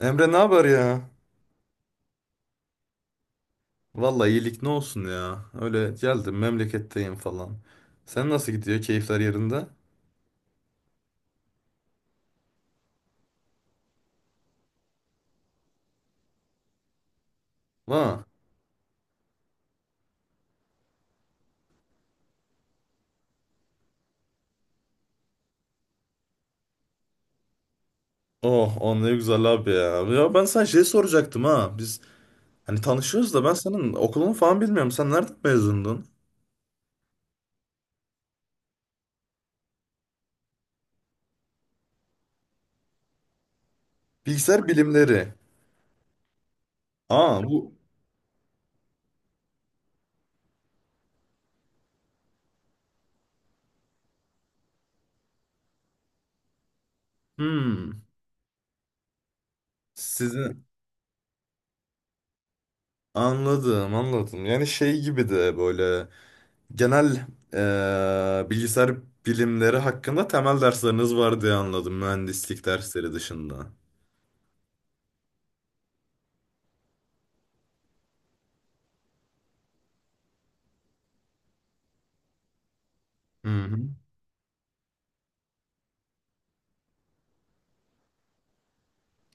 Emre, ne haber ya? Vallahi iyilik, ne olsun ya. Öyle geldim, memleketteyim falan. Sen nasıl gidiyor? Keyifler yerinde? Ha. Oh, o ne güzel abi ya. Ya ben sana şey soracaktım, ha. Biz hani tanışıyoruz da ben senin okulunu falan bilmiyorum. Sen nereden mezundun? Bilgisayar bilimleri. Aa, bu, hmm. Sizi Anladım, anladım. Yani şey gibi de böyle genel, bilgisayar bilimleri hakkında temel dersleriniz var diye anladım, mühendislik dersleri dışında. Hı hı.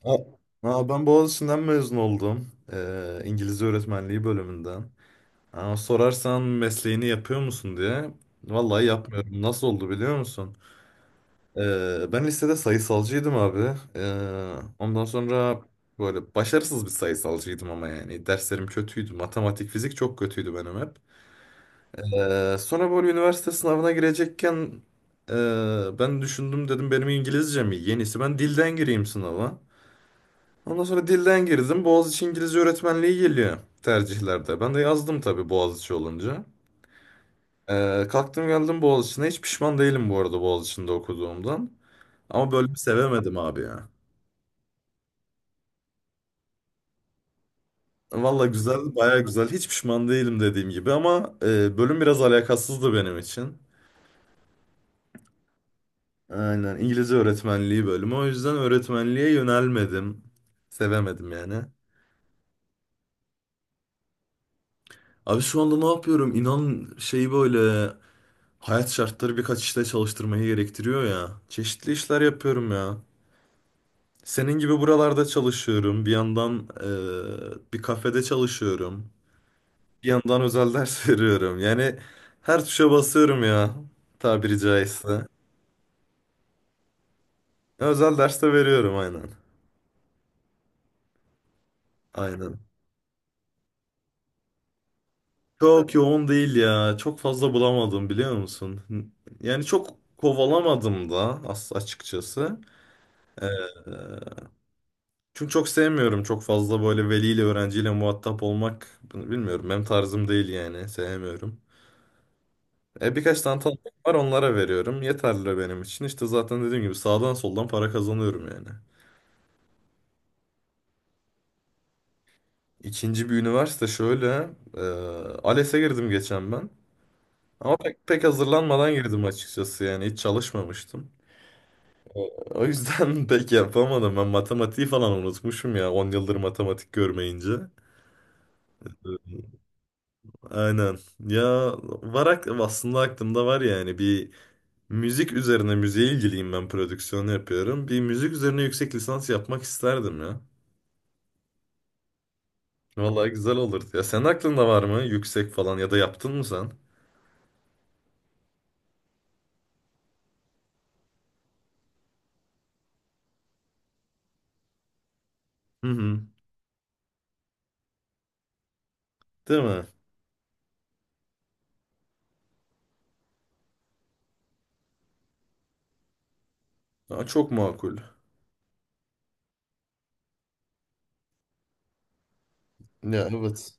Ha, ha, ben Boğaziçi'nden mezun oldum. İngilizce öğretmenliği bölümünden. Ha, sorarsan mesleğini yapıyor musun diye. Vallahi yapmıyorum. Nasıl oldu biliyor musun? Ben lisede sayısalcıydım abi. Ondan sonra böyle başarısız bir sayısalcıydım ama yani. Derslerim kötüydü. Matematik, fizik çok kötüydü benim hep. Sonra böyle üniversite sınavına girecekken ben düşündüm, dedim benim İngilizcem iyi. Yenisi ben dilden gireyim sınava. Ondan sonra dilden girdim. Boğaziçi İngilizce öğretmenliği geliyor tercihlerde. Ben de yazdım tabii Boğaziçi olunca. Kalktım geldim Boğaziçi'ne. Hiç pişman değilim bu arada Boğaziçi'nde okuduğumdan. Ama bölümü sevemedim abi ya. Valla güzel, baya güzel. Hiç pişman değilim dediğim gibi ama bölüm biraz alakasızdı benim için. Aynen, İngilizce öğretmenliği bölümü. O yüzden öğretmenliğe yönelmedim. Sevemedim yani. Abi, şu anda ne yapıyorum? İnan, şey böyle, hayat şartları birkaç işte çalıştırmayı gerektiriyor ya. Çeşitli işler yapıyorum ya. Senin gibi buralarda çalışıyorum. Bir yandan bir kafede çalışıyorum. Bir yandan özel ders veriyorum. Yani her tuşa basıyorum ya. Tabiri caizse. Özel ders de veriyorum, aynen. Aynen. Çok yoğun değil ya. Çok fazla bulamadım, biliyor musun? Yani çok kovalamadım da, açıkçası. Çünkü çok sevmiyorum çok fazla böyle veliyle öğrenciyle muhatap olmak. Bunu bilmiyorum, benim tarzım değil yani, sevmiyorum. E, birkaç tane tanıdık var, onlara veriyorum. Yeterli benim için. İşte zaten dediğim gibi sağdan soldan para kazanıyorum yani. İkinci bir üniversite şöyle. E, ALES'e girdim geçen ben. Ama pek hazırlanmadan girdim açıkçası, yani hiç çalışmamıştım. E, O yüzden pek yapamadım. Ben matematiği falan unutmuşum ya, 10 yıldır matematik görmeyince. E, Aynen. Ya, var aslında aklımda var yani, bir müzik üzerine, müziğe ilgiliyim ben, prodüksiyon yapıyorum. Bir müzik üzerine yüksek lisans yapmak isterdim ya. Vallahi güzel olurdu ya. Senin aklında var mı yüksek falan ya da yaptın mı sen? Hı hı. Değil mi? Aa, çok makul. Ya, evet.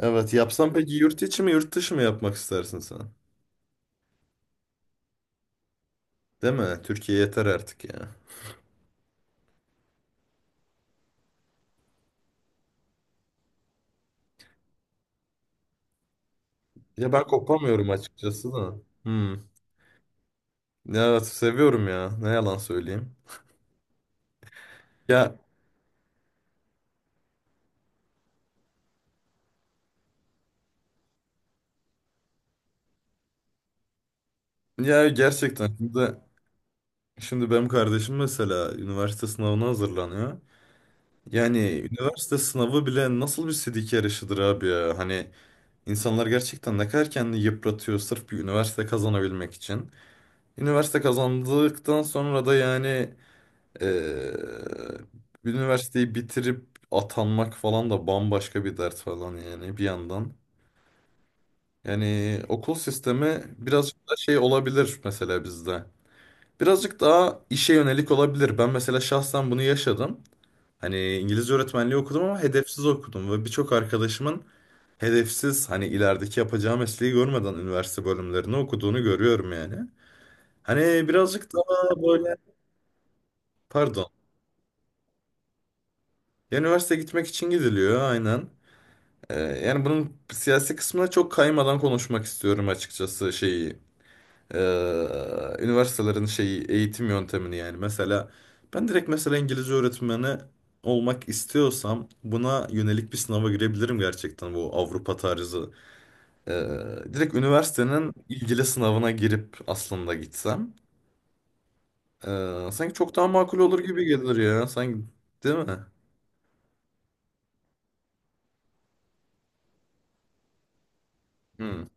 Evet, yapsam peki yurt içi mi yurt dışı mı yapmak istersin sen? Değil mi? Türkiye yeter artık ya. Ya ben kopamıyorum açıkçası da. Hmm. Ya evet, seviyorum ya. Ne yalan söyleyeyim. Ya Ya gerçekten, şimdi benim kardeşim mesela üniversite sınavına hazırlanıyor. Yani üniversite sınavı bile nasıl bir sidik yarışıdır abi ya. Hani insanlar gerçekten ne kadar kendini yıpratıyor sırf bir üniversite kazanabilmek için. Üniversite kazandıktan sonra da yani, eee, üniversiteyi bitirip atanmak falan da bambaşka bir dert falan yani, bir yandan. Yani okul sistemi biraz da şey olabilir mesela bizde. Birazcık daha işe yönelik olabilir. Ben mesela şahsen bunu yaşadım. Hani İngilizce öğretmenliği okudum ama hedefsiz okudum ve birçok arkadaşımın hedefsiz, hani ilerideki yapacağı mesleği görmeden üniversite bölümlerini okuduğunu görüyorum yani. Hani birazcık daha böyle, pardon. Ya, üniversite gitmek için gidiliyor aynen. Yani bunun siyasi kısmına çok kaymadan konuşmak istiyorum açıkçası, şeyi, e, üniversitelerin şeyi, eğitim yöntemini. Yani mesela ben direkt mesela İngilizce öğretmeni olmak istiyorsam buna yönelik bir sınava girebilirim gerçekten, bu Avrupa tarzı. E, Direkt üniversitenin ilgili sınavına girip aslında gitsem sanki çok daha makul olur gibi gelir ya, sanki değil mi? Hı,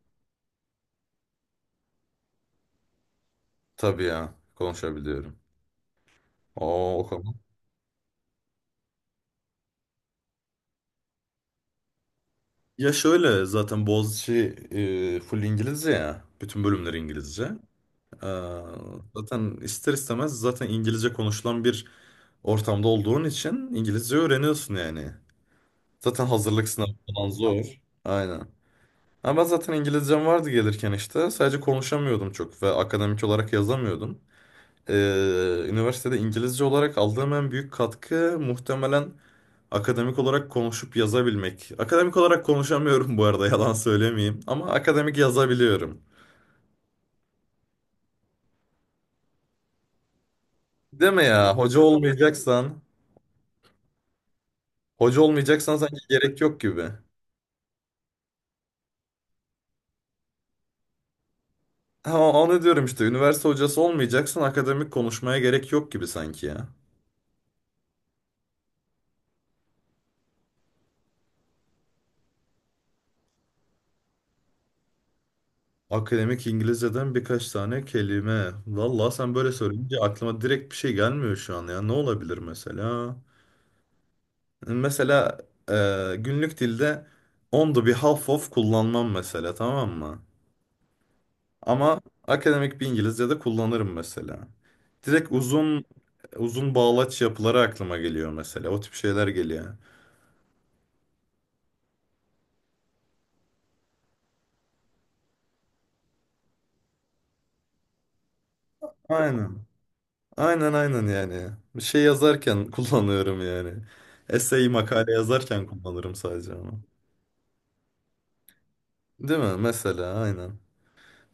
tabii ya, konuşabiliyorum. Oo, o konu. Ya şöyle, zaten Boğaziçi full İngilizce ya. Bütün bölümler İngilizce. Ee, Zaten ister istemez, zaten İngilizce konuşulan bir ortamda olduğun için İngilizce öğreniyorsun yani. Zaten hazırlık sınavı falan zor. Aynen. Ama ben zaten İngilizcem vardı gelirken işte. Sadece konuşamıyordum çok ve akademik olarak yazamıyordum. Üniversitede İngilizce olarak aldığım en büyük katkı muhtemelen akademik olarak konuşup yazabilmek. Akademik olarak konuşamıyorum bu arada, yalan söylemeyeyim. Ama akademik yazabiliyorum. Deme ya, hoca olmayacaksan. Hoca olmayacaksan sanki gerek yok gibi. Ha, onu diyorum işte, üniversite hocası olmayacaksan akademik konuşmaya gerek yok gibi sanki ya. Akademik İngilizceden birkaç tane kelime. Vallahi sen böyle söyleyince aklıma direkt bir şey gelmiyor şu an ya. Ne olabilir mesela? Mesela günlük dilde on the behalf of kullanmam mesela, tamam mı? Ama akademik bir İngilizce'de kullanırım mesela. Direkt uzun uzun bağlaç yapıları aklıma geliyor mesela. O tip şeyler geliyor. Aynen. Aynen, aynen yani. Bir şey yazarken kullanıyorum yani. Essay, makale yazarken kullanırım sadece onu. Değil mi? Mesela aynen.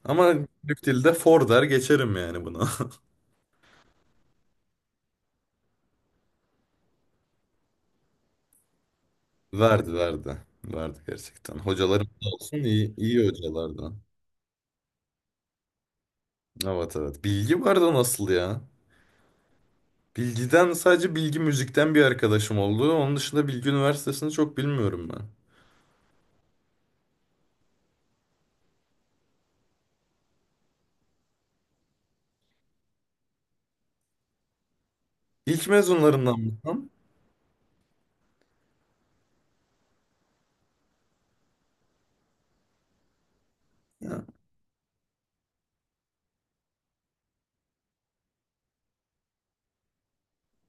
Ama günlük dilde for der geçerim yani bunu. Verdi, verdi. Verdi gerçekten. Hocalarım da olsun, iyi, iyi hocalardan. Evet, evet. Bilgi vardı, nasıl ya? Bilgiden sadece Bilgi Müzik'ten bir arkadaşım oldu. Onun dışında Bilgi Üniversitesi'ni çok bilmiyorum ben. İlk mezunlarından mı? Tam? Ya.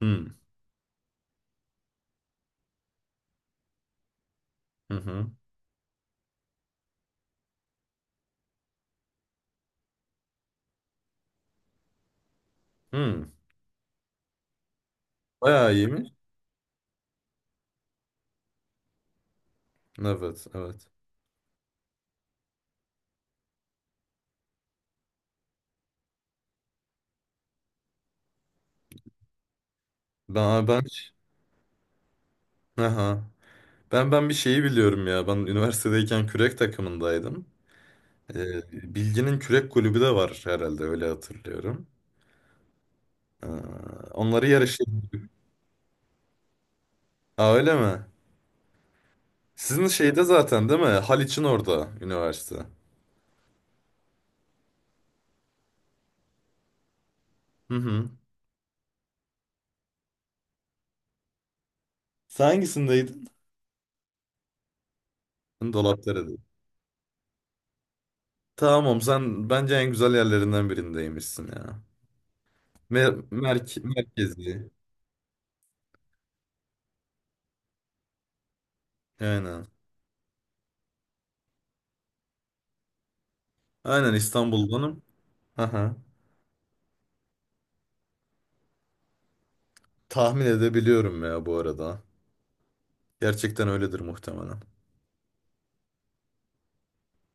Hmm. Hı hı. Hmm. Bayağı iyiymiş. Evet, evet. Ben ben Aha. Ben bir şeyi biliyorum ya. Ben üniversitedeyken kürek takımındaydım. Ee, Bilgi'nin kürek kulübü de var herhalde, öyle hatırlıyorum. Ee, Onları yarışa, aa öyle mi? Sizin şeyde zaten değil mi? Haliç'in orada üniversite. Hı hı. Sen hangisindeydin? Dolapdere'de. Tamam, sen bence en güzel yerlerinden birindeymişsin ya. Merkezi. Aynen. Aynen, İstanbul'danım. Aha. Tahmin edebiliyorum ya bu arada. Gerçekten öyledir muhtemelen.